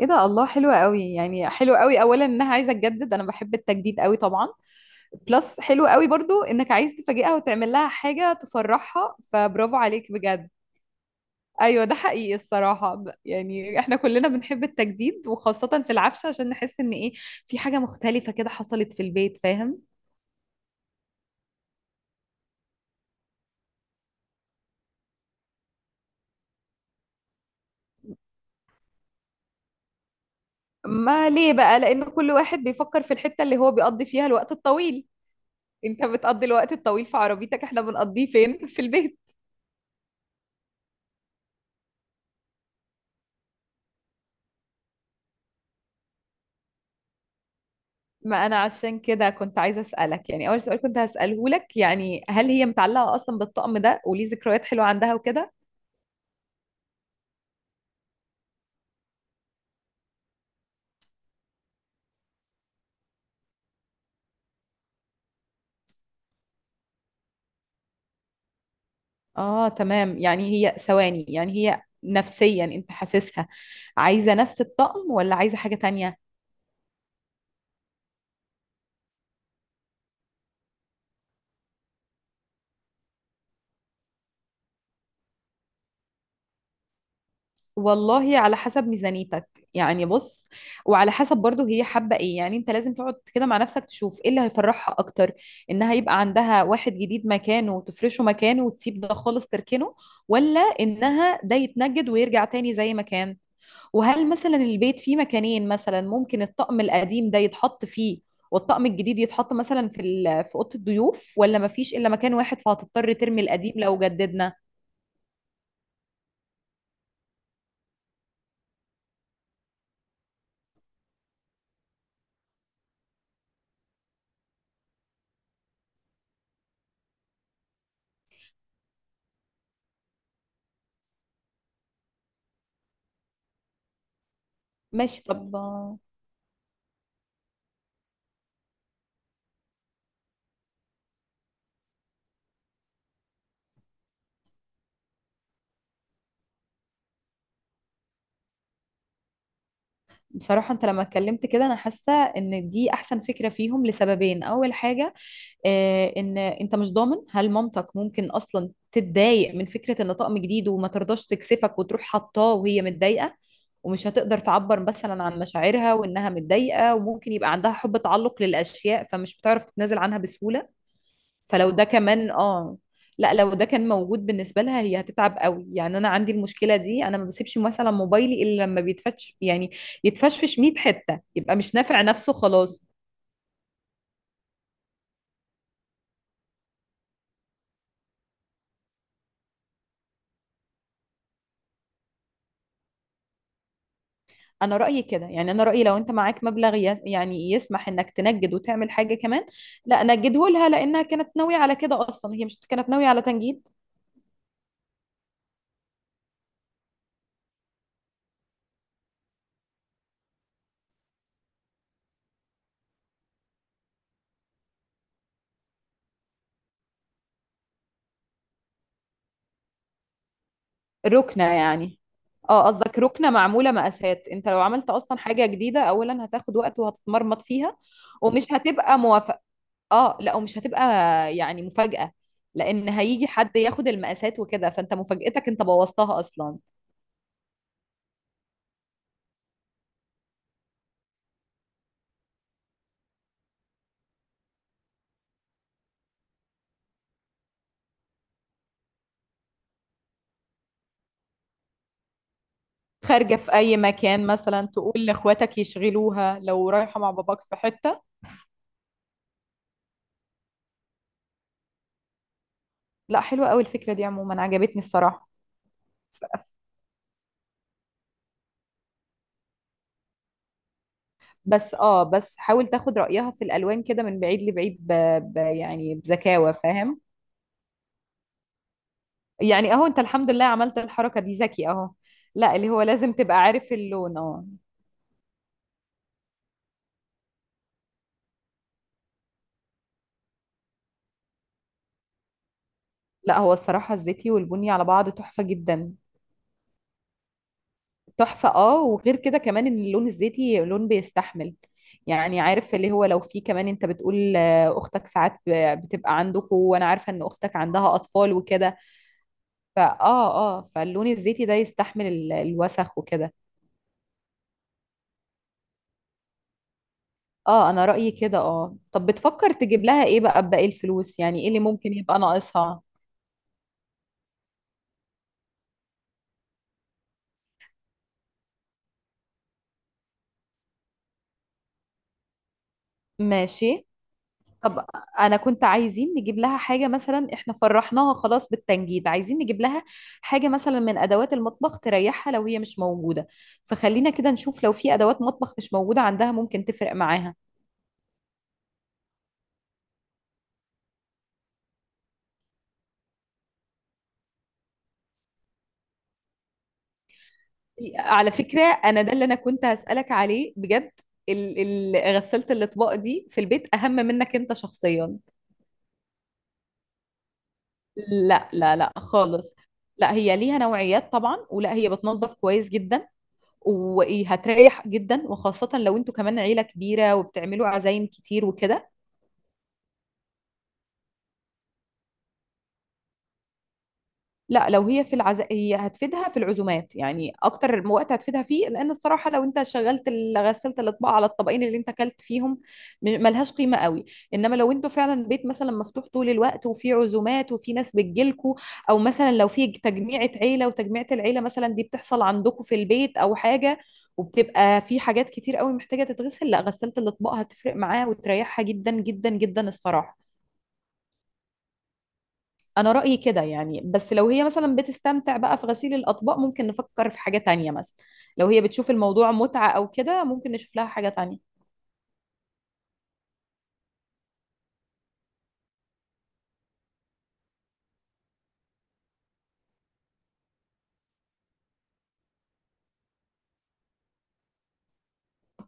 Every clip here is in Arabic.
ايه ده الله، حلوة قوي يعني حلوة قوي. اولا انها عايزة تجدد، انا بحب التجديد قوي طبعا. بلس حلوة قوي برضو انك عايز تفاجئها وتعمل لها حاجة تفرحها، فبرافو عليك بجد. ايوه ده حقيقي الصراحة، يعني احنا كلنا بنحب التجديد وخاصة في العفش، عشان نحس ان ايه، في حاجة مختلفة كده حصلت في البيت فاهم. ما ليه بقى؟ لان كل واحد بيفكر في الحتة اللي هو بيقضي فيها الوقت الطويل. انت بتقضي الوقت الطويل في عربيتك، احنا بنقضيه فين؟ في البيت. ما انا عشان كده كنت عايزه اسالك، يعني اول سؤال كنت هساله لك، يعني هل هي متعلقه اصلا بالطقم ده وليه ذكريات حلوه عندها وكده؟ اه تمام. يعني هي ثواني، يعني هي نفسيا انت حاسسها عايزه نفس الطقم ولا عايزه حاجه تانية؟ والله على حسب ميزانيتك، يعني بص، وعلى حسب برضو هي حابة ايه. يعني انت لازم تقعد كده مع نفسك تشوف ايه اللي هيفرحها اكتر، انها يبقى عندها واحد جديد مكانه وتفرشه مكانه وتسيب ده خالص تركنه، ولا انها ده يتنجد ويرجع تاني زي ما كان. وهل مثلا البيت فيه مكانين مثلا ممكن الطقم القديم ده يتحط فيه، والطقم الجديد يتحط مثلا في اوضه الضيوف، ولا مفيش الا مكان واحد فهتضطر ترمي القديم لو جددنا؟ ماشي طب. بصراحة أنت لما اتكلمت كده أنا حاسة إن دي أحسن فكرة فيهم لسببين. أول حاجة، إن أنت مش ضامن هل مامتك ممكن أصلا تتضايق من فكرة إن طقم جديد وما ترضاش تكسفك وتروح حطاه وهي متضايقة. ومش هتقدر تعبر مثلا عن مشاعرها وإنها متضايقة، وممكن يبقى عندها حب تعلق للأشياء فمش بتعرف تتنازل عنها بسهولة. فلو ده كمان اه، لا لو ده كان موجود بالنسبة لها هي هتتعب قوي. يعني انا عندي المشكلة دي، انا ما بسيبش مثلا موبايلي الا لما بيتفتش، يعني يتفشفش 100 حتة يبقى مش نافع نفسه خلاص. انا رأيي كده يعني، انا رأيي لو انت معاك مبلغ يعني يسمح انك تنجد وتعمل حاجة كمان. لا نجده لها لانها كانت ناوية على كده اصلا، هي مش كانت ناوية على تنجيد. ركنة يعني. اه قصدك ركنة معمولة مقاسات. انت لو عملت اصلا حاجة جديدة، اولا هتاخد وقت وهتتمرمط فيها، ومش هتبقى موافق. اه لا، ومش هتبقى يعني مفاجأة. لان هيجي حد ياخد المقاسات وكده، فانت مفاجأتك انت بوظتها اصلا. خارجة في اي مكان مثلا، تقول لاخواتك يشغلوها لو رايحة مع باباك في حتة. لا حلوة قوي الفكرة دي، عموما عجبتني الصراحة. ف- بس اه، بس حاول تاخد رأيها في الالوان كده من بعيد لبعيد، يعني بذكاوة فاهم. يعني اهو انت الحمد لله عملت الحركة دي، ذكي اهو. لا اللي هو لازم تبقى عارف اللون اه. لا هو الصراحة الزيتي والبني على بعض تحفة جدا. تحفة اه، وغير كده كمان ان اللون الزيتي لون بيستحمل. يعني عارف اللي هو لو في كمان، انت بتقول اختك ساعات بتبقى عندكم، وانا عارفة ان اختك عندها اطفال وكده. فاه اه. فاللون الزيتي ده يستحمل الوسخ وكده. اه انا رأيي كده اه. طب بتفكر تجيب لها ايه بقى بباقي الفلوس؟ يعني ايه اللي ممكن يبقى ناقصها؟ ماشي طب. انا كنت عايزين نجيب لها حاجه مثلا، احنا فرحناها خلاص بالتنجيد، عايزين نجيب لها حاجه مثلا من ادوات المطبخ تريحها لو هي مش موجوده. فخلينا كده نشوف لو في ادوات مطبخ مش موجوده عندها ممكن تفرق معاها. على فكره، انا ده اللي انا كنت هسالك عليه بجد. ال- غساله الاطباق دي في البيت اهم منك انت شخصيا. لا لا لا خالص. لا هي ليها نوعيات طبعا، ولا هي بتنظف كويس جدا. وايه، هتريح جدا وخاصة لو انتوا كمان عيلة كبيرة وبتعملوا عزايم كتير وكده. لا لو هي هتفيدها في العزومات. يعني اكتر وقت هتفيدها فيه، لان الصراحه لو انت شغلت غسلت الاطباق على الطبقين اللي انت اكلت فيهم ملهاش قيمه قوي. انما لو انتوا فعلا بيت مثلا مفتوح طول الوقت وفي عزومات وفي ناس بتجيلكوا، او مثلا لو في تجميعه عيله وتجميعه العيله مثلا دي بتحصل عندكم في البيت او حاجه، وبتبقى في حاجات كتير قوي محتاجه تتغسل، لا غسلت الاطباق هتفرق معاها وتريحها جدا جدا جدا الصراحه. انا رأيي كده يعني، بس لو هي مثلا بتستمتع بقى في غسيل الاطباق ممكن نفكر في حاجة تانية مثلا، لو هي بتشوف الموضوع متعة او كده ممكن نشوف لها حاجة تانية.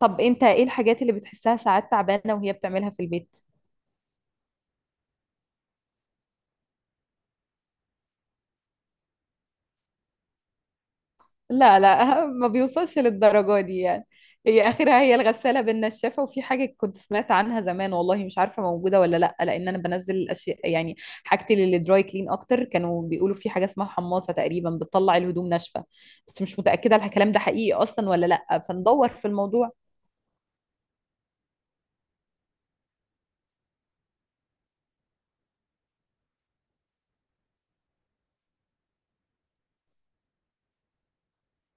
طب انت ايه الحاجات اللي بتحسها ساعات تعبانة وهي بتعملها في البيت؟ لا لا، ما بيوصلش للدرجة دي يعني. هي آخرها هي الغسالة بالنشافة، وفي حاجة كنت سمعت عنها زمان، والله مش عارفة موجودة ولا لأ، لأن أنا بنزل الأشياء يعني، حاجتي للدراي كلين أكتر. كانوا بيقولوا في حاجة اسمها حماصة تقريبا بتطلع الهدوم ناشفة، بس مش متأكدة الكلام ده حقيقي أصلا ولا لأ، فندور في الموضوع.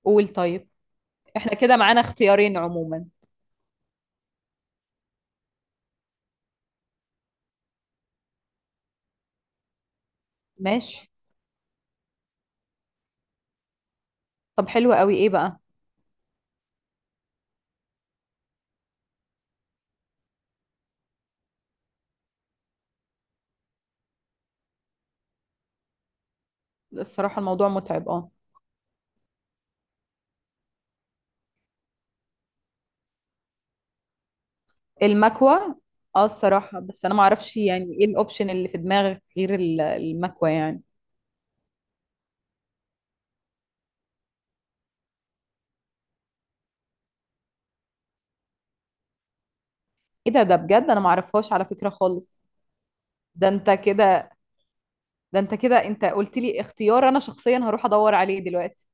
قول طيب. إحنا كده معانا اختيارين عموما. ماشي طب، حلو قوي. إيه بقى؟ الصراحة الموضوع متعب اه. المكوى اه. الصراحة بس انا معرفش يعني ايه الاوبشن اللي في دماغك غير المكوى يعني. ايه ده، ده بجد انا معرفهاش على فكرة خالص. ده انت كده، انت قلت لي اختيار، انا شخصيا هروح ادور عليه دلوقتي.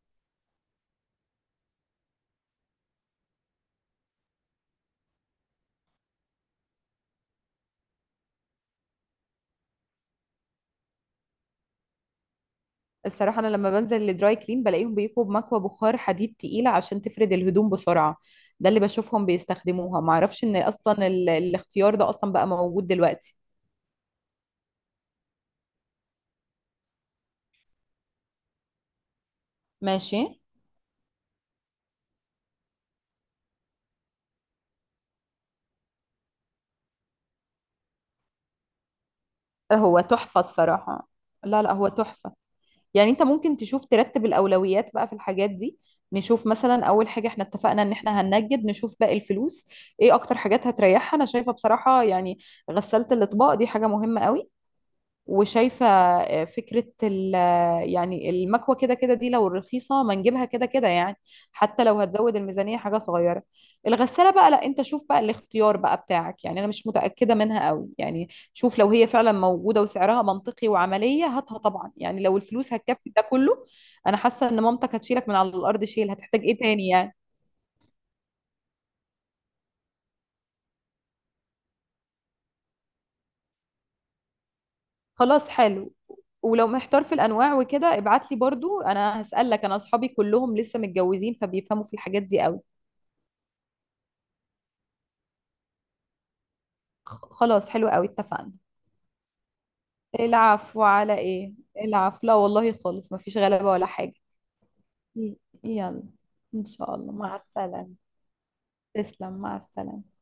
الصراحة انا لما بنزل للدراي كلين بلاقيهم بيكوا بمكوى بخار حديد تقيلة عشان تفرد الهدوم بسرعة. ده اللي بشوفهم بيستخدموها، معرفش ان اصلا الاختيار ده اصلا بقى موجود دلوقتي. ماشي. هو تحفة الصراحة. لا لا هو تحفة. يعني انت ممكن تشوف ترتب الاولويات بقى في الحاجات دي. نشوف مثلا اول حاجه احنا اتفقنا ان احنا هننجد، نشوف باقي الفلوس، ايه اكتر حاجات هتريحها؟ انا شايفه بصراحه يعني غسالة الاطباق دي حاجه مهمه قوي. وشايفة فكرة ال. يعني المكوة كده كده دي لو رخيصة ما نجيبها كده كده يعني، حتى لو هتزود الميزانية حاجة صغيرة. الغسالة بقى، لا انت شوف بقى الاختيار بقى بتاعك، يعني انا مش متأكدة منها قوي يعني. شوف لو هي فعلا موجودة وسعرها منطقي وعملية، هاتها طبعا يعني، لو الفلوس هتكفي ده كله. انا حاسة ان مامتك هتشيلك من على الارض شيل. هتحتاج ايه تاني يعني؟ خلاص حلو. ولو محتار في الانواع وكده، ابعت لي برضو، انا هسألك، انا اصحابي كلهم لسه متجوزين فبيفهموا في الحاجات دي قوي. خلاص حلو قوي اتفقنا. العفو على ايه؟ العفو، لا والله خالص مفيش غلبة ولا حاجة. ي- يلا ان شاء الله مع السلامة. تسلم مع السلامة.